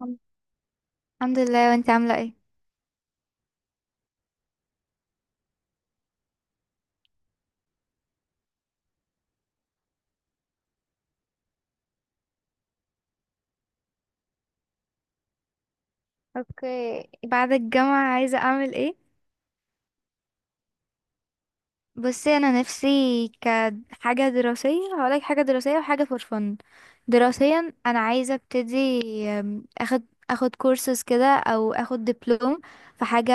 الحمد الحمد لله، وانت عاملة ايه؟ اوكي، بعد الجامعة عايزة اعمل ايه؟ بصي، انا نفسي كحاجة دراسية هقولك حاجة دراسية وحاجة فور فن. دراسيا انا عايزة ابتدي ام، اخد اخد كورسز كده او اخد دبلوم في حاجة.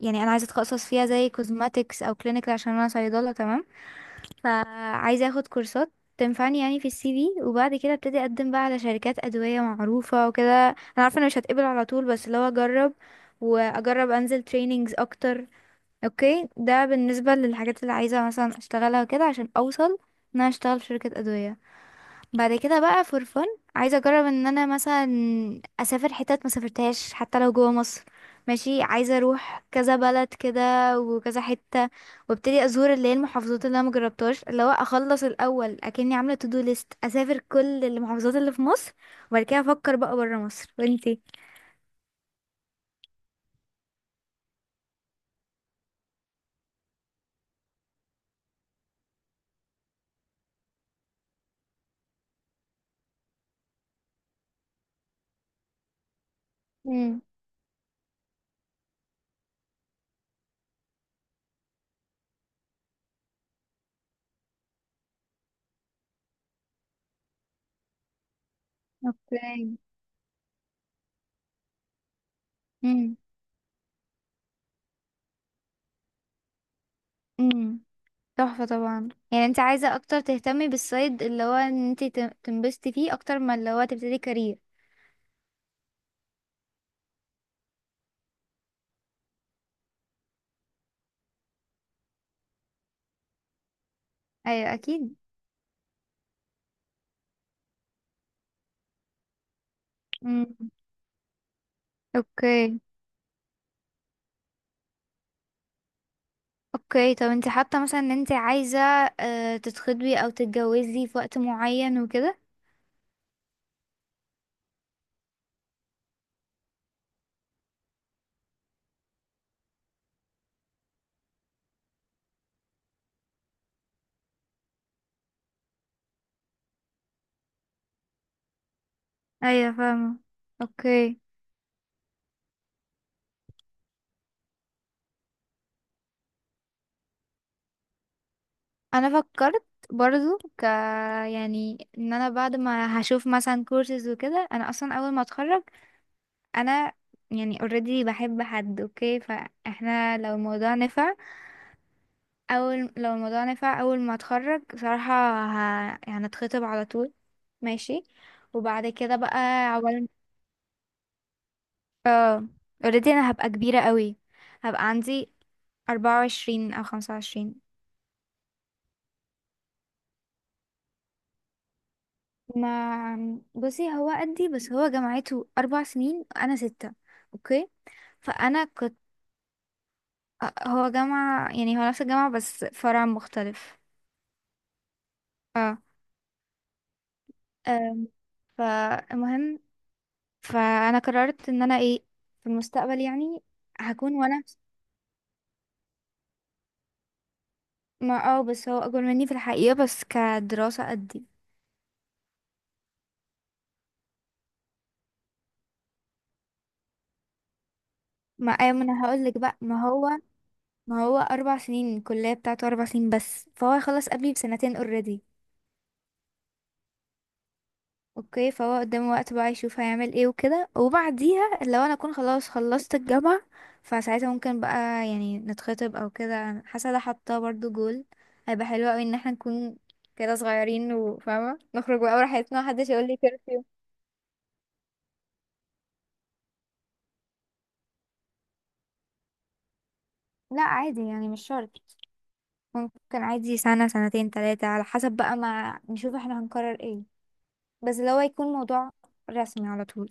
يعني انا عايزة اتخصص فيها زي كوزماتكس او كلينيكال عشان انا صيدلة، تمام. فعايزة اخد كورسات تنفعني يعني في السي في، وبعد كده ابتدي اقدم بقى على شركات ادوية معروفة وكده. انا عارفة انا مش هتقبل على طول بس لو اجرب واجرب انزل تريننجز اكتر. اوكي، ده بالنسبة للحاجات اللي عايزة مثلا اشتغلها وكده عشان اوصل ان انا اشتغل في شركة ادوية. بعد كده بقى فور فن، عايزه اجرب ان انا مثلا اسافر حتت ما سافرتهاش حتى لو جوه مصر. ماشي، عايزه اروح كذا بلد كده وكذا حته وابتدي ازور اللي هي المحافظات اللي انا مجربتهاش، اللي هو اخلص الاول اكني عامله تو دو ليست، اسافر كل المحافظات اللي في مصر وبعد كده افكر بقى بره مصر. وانتي؟ امم. اوكي. امم. امم. تحفه طبعا، يعني انت عايزه اكتر تهتمي بالصيد اللي هو ان انت تنبسطي فيه اكتر ما اللي هو تبتدي كارير. ايوه اكيد. مم. اوكي. اوكي، طب انت حاطه مثلا ان انت عايزه تتخطبي او تتجوزي في وقت معين وكده؟ ايوه فاهمه. اوكي. انا فكرت برضو ك، يعني ان انا بعد ما هشوف مثلا كورسز وكده انا اصلا اول ما اتخرج انا، يعني اوريدي بحب حد، اوكي؟ فاحنا لو الموضوع نفع، اول لو الموضوع نفع اول ما اتخرج صراحه يعني هنتخطب على طول، ماشي، وبعد كده بقى عقبال. اه. اوريدي انا هبقى كبيرة قوي، هبقى عندي 24 او 25. ما بصي هو قدي، بس هو جامعته 4 سنين انا 6. اوكي. فانا كنت هو جامعة، يعني هو نفس الجامعة بس فرع مختلف. اه. آم، فالمهم فانا قررت ان انا ايه في المستقبل، يعني هكون. وانا ما اه بس هو اكبر مني في الحقيقة بس كدراسة قدي. ما ايوه، ما انا هقول لك بقى، ما هو، ما هو 4 سنين الكلية بتاعته، 4 سنين بس، فهو هيخلص قبلي بسنتين اوريدي. اوكي، فهو قدامه وقت بقى يشوف هيعمل ايه وكده، وبعديها لو انا اكون خلاص خلصت الجامعة، فساعتها ممكن بقى يعني نتخطب او كده. حاسة ده حاطاه برضو جول، هيبقى حلو اوي ان احنا نكون كده صغيرين وفاهمة نخرج بقى براحتنا، محدش يقول لي كرفيو. لا عادي يعني مش شرط، ممكن عادي سنة سنتين تلاتة على حسب بقى، ما نشوف احنا هنقرر ايه. بس لو هيكون موضوع رسمي على طول.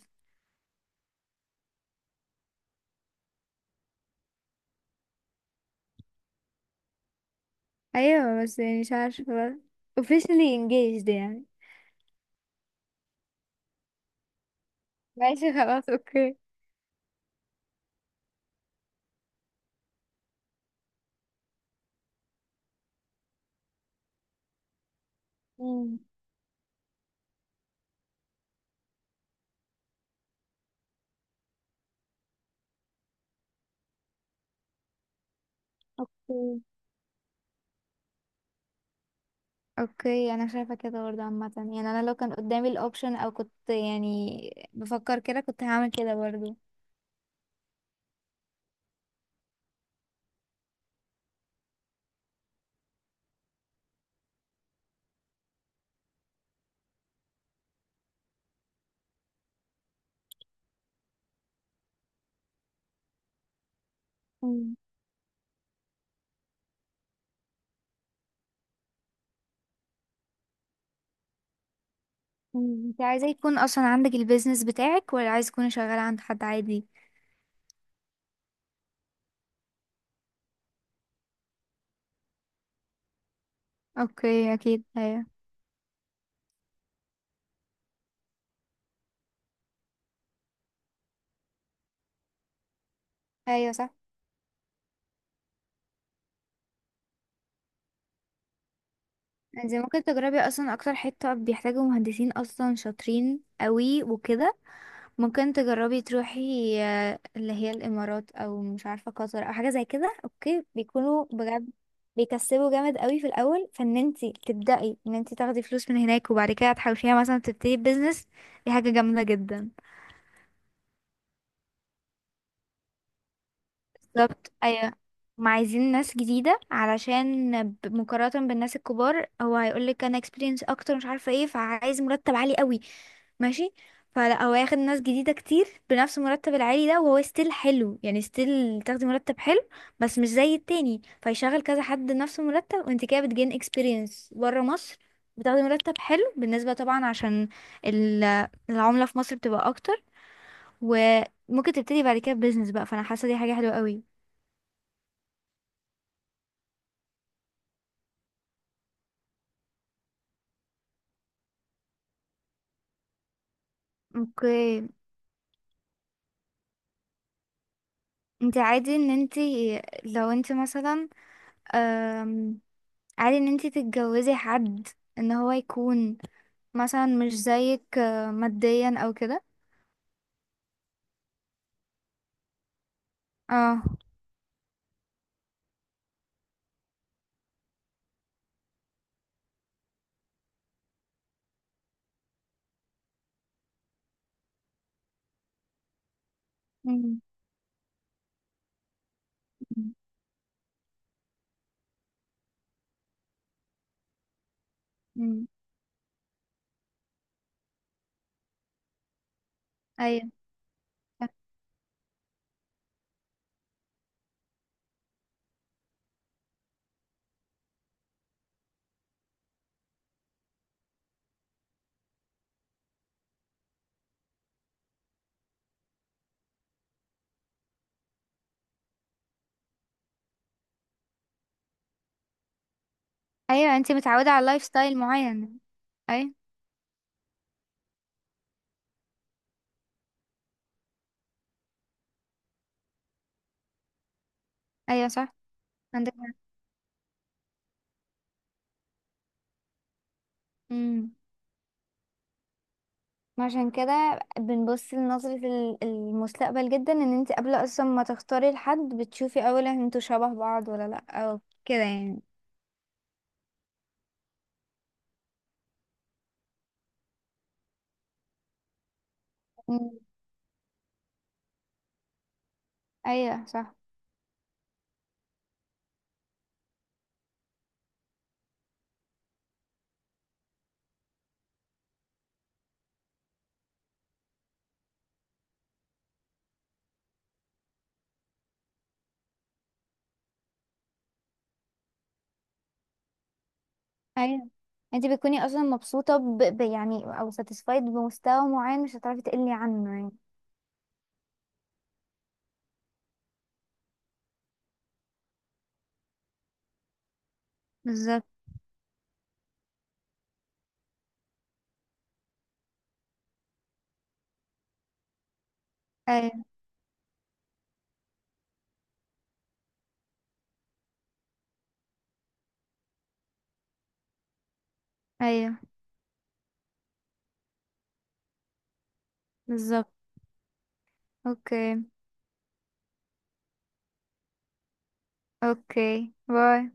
ايوه بس يعني مش عارفة بقى officially engaged يعني. ماشي خلاص اوكي. امم. اوكي. اوكي، انا شايفة كده برضه عامة، يعني انا لو كان قدامي الاوبشن او كنت يعني بفكر كده كنت هعمل كده برضه. امم. امم. انت عايزة يكون اصلا عندك البيزنس بتاعك ولا عايز تكوني شغالة عند حد عادي؟ اوكي اكيد. ايوه. ايوه صح. انت ممكن تجربي اصلا اكتر حتة بيحتاجوا مهندسين اصلا شاطرين قوي وكده. ممكن تجربي تروحي اللي هي الامارات او مش عارفه قطر او حاجه زي كده. اوكي بيكونوا بجد بيكسبوا جامد قوي في الاول، فان انتي تبداي ان انتي تاخدي فلوس من هناك وبعد كده تحوشيها مثلا تبتدي بيزنس، دي حاجه جامده جدا. بالظبط ايوه، ما عايزين ناس جديده علشان مقارنه بالناس الكبار، هو هيقولك انا اكسبيرينس اكتر مش عارفه ايه، فعايز مرتب عالي قوي، ماشي، فلا هو هياخد ناس جديدة كتير بنفس المرتب العالي ده، وهو ستيل حلو، يعني ستيل تاخدي مرتب حلو، بس مش زي التاني فيشغل كذا حد نفس المرتب، وانت كده بتجين اكسبيرينس بره مصر، بتاخدي مرتب حلو بالنسبة طبعا عشان ال- العملة في مصر بتبقى اكتر. وممكن تبتدي بعد كده بيزنس بقى، فانا حاسة دي حاجة حلوة قوي. اوكي. انت عادي ان انت لو انت مثلا أم، عادي ان انت تتجوزي حد ان هو يكون مثلا مش زيك ماديا او كده؟ اه. مم. مم. مم. ايوه صح. ايوه انتي متعودة على لايف ستايل معين. ايوه. ايوه صح. عندك حق. مم. عشان كده بنبص لنظرة المستقبل جدا، ان انت قبل اصلا ما تختاري لحد بتشوفي اولا انتوا شبه بعض ولا لا، او كده يعني. مم. ايوه صح. ايوه. انت بتكوني اصلا مبسوطة يعني او ساتيسفايد بمستوى معين، مش هتعرفي تقلي عنه يعني. بالظبط ايوه. ايوه بالظبط. اوكي. اوكي باي.